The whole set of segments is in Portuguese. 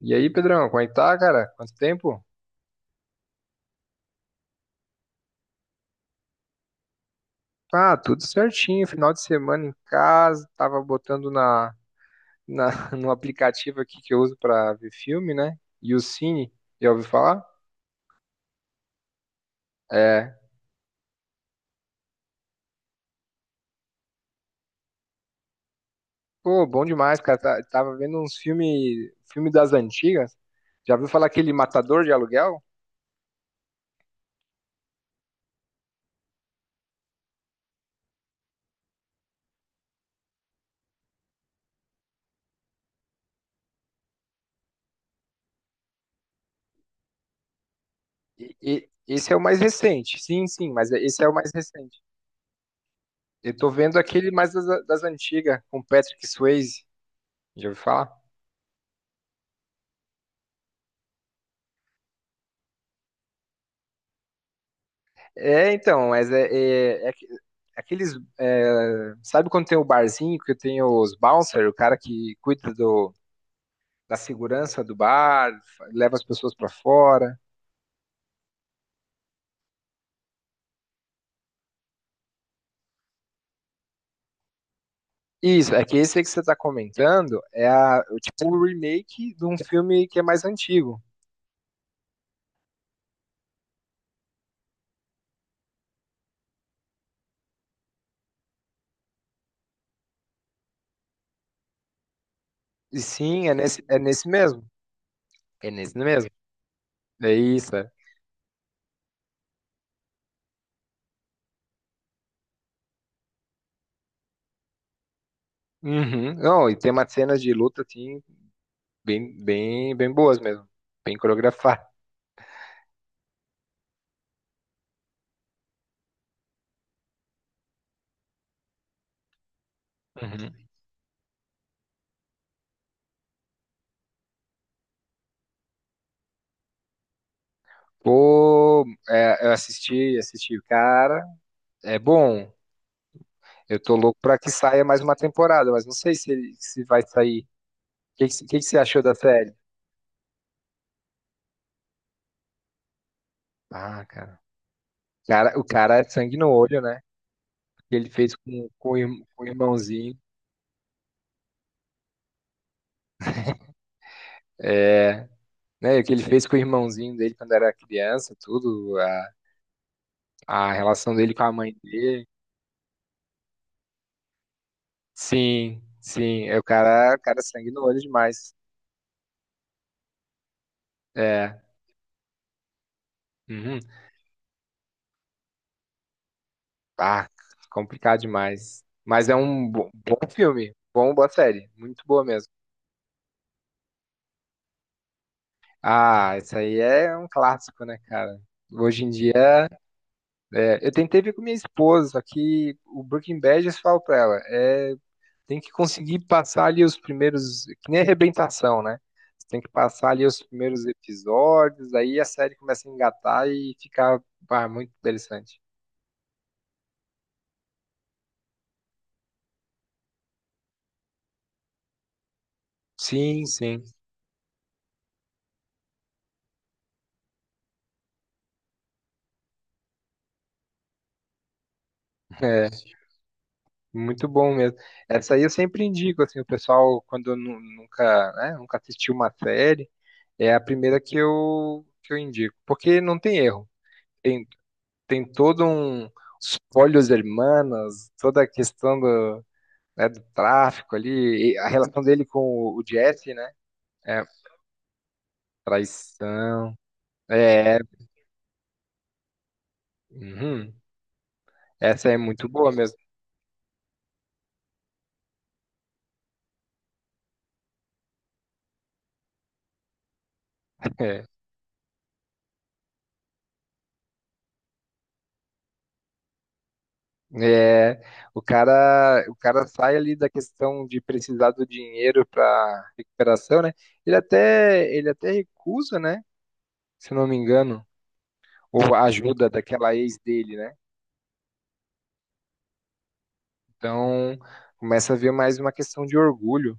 E aí, Pedrão, como é que tá, cara? Quanto tempo? Ah, tudo certinho, final de semana em casa, tava botando na no aplicativo aqui que eu uso pra ver filme, né? E o Cine, já ouviu falar? É. Pô, bom demais, cara. Tava vendo uns filmes, filme das antigas. Já ouviu falar aquele Matador de Aluguel? Esse é o mais recente. Sim, sim, mas é, esse é o mais recente. Eu tô vendo aquele mais das antigas, com Patrick Swayze. Já ouviu falar? É, então, mas é aqueles. É, sabe quando tem o barzinho que tem os bouncer, o cara que cuida do, da segurança do bar, leva as pessoas pra fora? Isso, é que esse aí que você tá comentando é a, o tipo o remake de um filme que é mais antigo. E sim, é nesse mesmo. É nesse mesmo. É isso, é. Uhum. Não, e tem umas cenas de luta assim, bem boas mesmo. Bem coreografadas. Pô, é, eu assisti o cara. É bom. Eu tô louco pra que saia mais uma temporada, mas não sei se, se vai sair. O que você achou da série? Ah, cara. Cara, o cara é sangue no olho, né? O que ele fez com o irmãozinho. É, né? O que ele fez com o irmãozinho dele quando era criança, tudo. A relação dele com a mãe dele. Sim, sim. É o cara é sangue no olho demais. É. Uhum. Ah, complicado demais. Mas é um bom filme, bom, boa série, muito boa mesmo. Ah, isso aí é um clássico, né, cara? Hoje em dia, é, eu tentei ver com minha esposa, só que o Breaking Bad, eu falo pra ela, é, tem que conseguir passar ali os primeiros, que nem arrebentação, né? Você tem que passar ali os primeiros episódios, aí a série começa a engatar e fica, ah, muito interessante. Sim, sim. É. Muito bom mesmo. Essa aí eu sempre indico, assim, o pessoal, quando nunca, né, nunca assistiu uma série, é a primeira que eu indico. Porque não tem erro. Tem, tem todo um... Os Polhos Hermanos, toda a questão do, né, do tráfico ali, e a relação dele com o Jesse, né? É, traição. É, uhum. Essa é muito boa mesmo. É, o cara sai ali da questão de precisar do dinheiro para recuperação, né? Ele até recusa, né? Se não me engano, ou a ajuda daquela ex dele, né? Então, começa a ver mais uma questão de orgulho.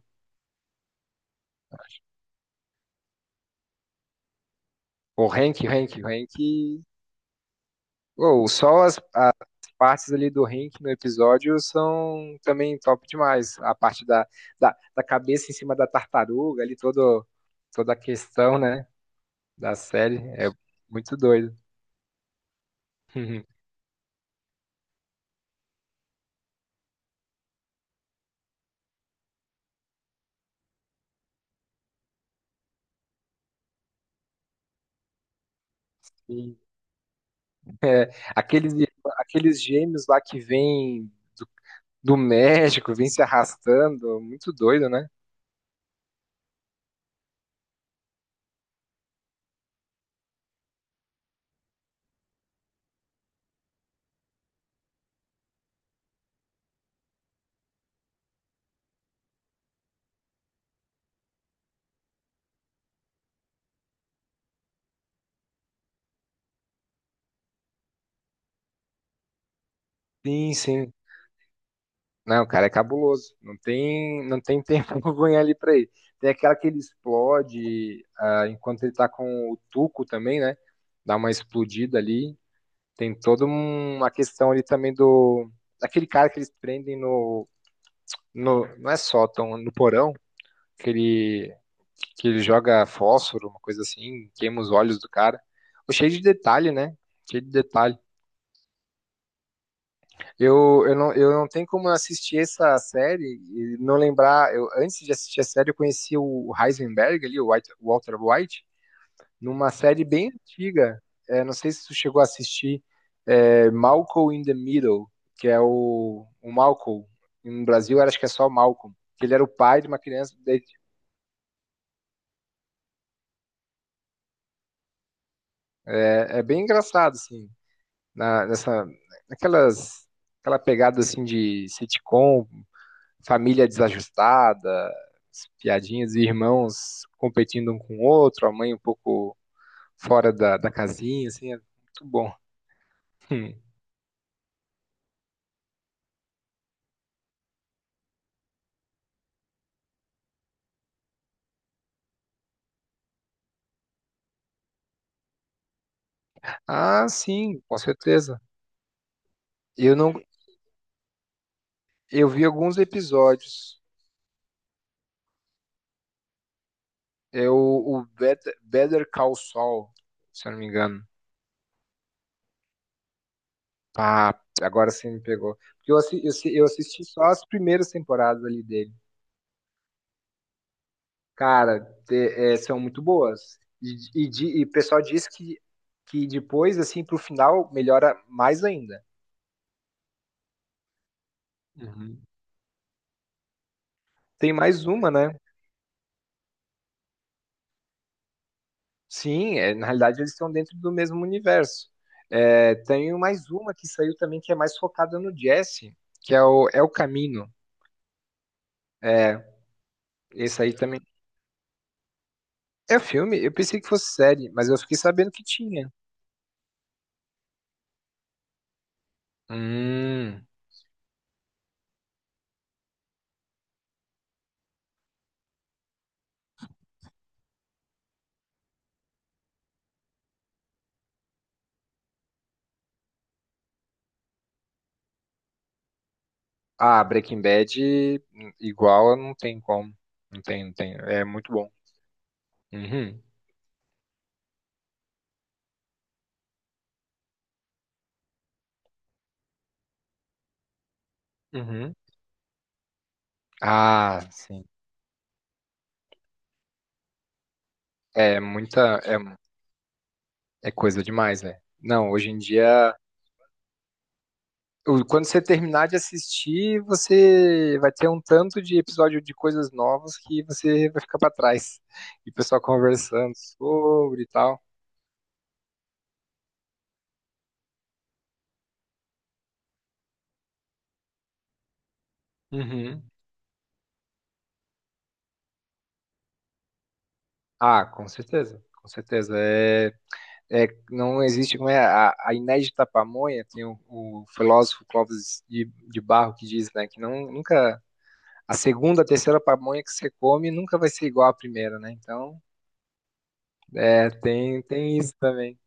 O Hank, ou só as, as partes ali do Hank no episódio são também top demais. A parte da cabeça em cima da tartaruga, ali todo, toda a questão, né? da série. É muito doido. E, é, aqueles, aqueles gêmeos lá que vêm do, do México, vêm se arrastando, muito doido, né? Sim, sim. Não, o cara é cabuloso. Não tem tempo ruim ali pra ele. Tem aquela que ele explode ah, enquanto ele tá com o Tuco também, né? Dá uma explodida ali. Tem uma questão ali também do. Daquele cara que eles prendem no. no não é sótão, no porão. que ele, que ele joga fósforo, uma coisa assim, queima os olhos do cara. Cheio de detalhe, né? Cheio de detalhe. Não, eu não tenho como assistir essa série e não lembrar. Eu, antes de assistir a série, eu conheci o Heisenberg ali, o o Walter White, numa série bem antiga. É, não sei se tu chegou a assistir é, Malcolm in the Middle, que é o Malcolm. No Brasil, acho que é só Malcolm. Que ele era o pai de uma criança. Daí, É, é bem engraçado, assim. na, nessa, naquelas, aquela pegada assim de sitcom, família desajustada, piadinhas de irmãos competindo um com o outro, a mãe um pouco fora da, da casinha, assim, é muito bom. Hum. Ah, sim, com certeza. Eu não, eu vi alguns episódios. É o Better Call Saul, se eu não me engano. Ah, agora sim me pegou. Porque eu, eu assisti só as primeiras temporadas ali dele. Cara, é, são muito boas. E o pessoal diz que depois, assim, pro final, melhora mais ainda. Uhum. Tem mais uma, né? Sim, é, na realidade eles estão dentro do mesmo universo. É, tem mais uma que saiu também que é mais focada no Jesse, que é o, é o Camino. É, esse aí também. É um filme? Eu pensei que fosse série, mas eu fiquei sabendo que tinha. Hum. Ah, Breaking Bad, igual, não tem como. Não tem, não tem. É muito bom. Uhum, uhum. Ah, sim. É muita. É, é coisa demais, velho. Não, hoje em dia. Quando você terminar de assistir, você vai ter um tanto de episódio de coisas novas que você vai ficar pra trás. E o pessoal conversando sobre e tal. Uhum. Ah, com certeza. Com certeza. É, é, não existe. Como é, a inédita pamonha, tem o filósofo Clóvis de Barro que diz, né, que não, nunca. A segunda, a terceira pamonha que você come nunca vai ser igual à primeira, né? Então, é, tem, tem isso também.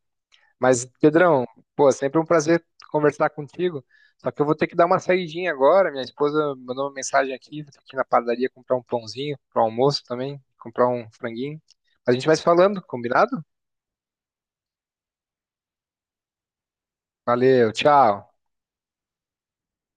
Mas, Pedrão, pô, sempre um prazer conversar contigo. Só que eu vou ter que dar uma saidinha agora. Minha esposa mandou uma mensagem aqui, vou ter que ir na padaria comprar um pãozinho para o almoço também, comprar um franguinho. A gente vai se falando, combinado? Valeu, tchau.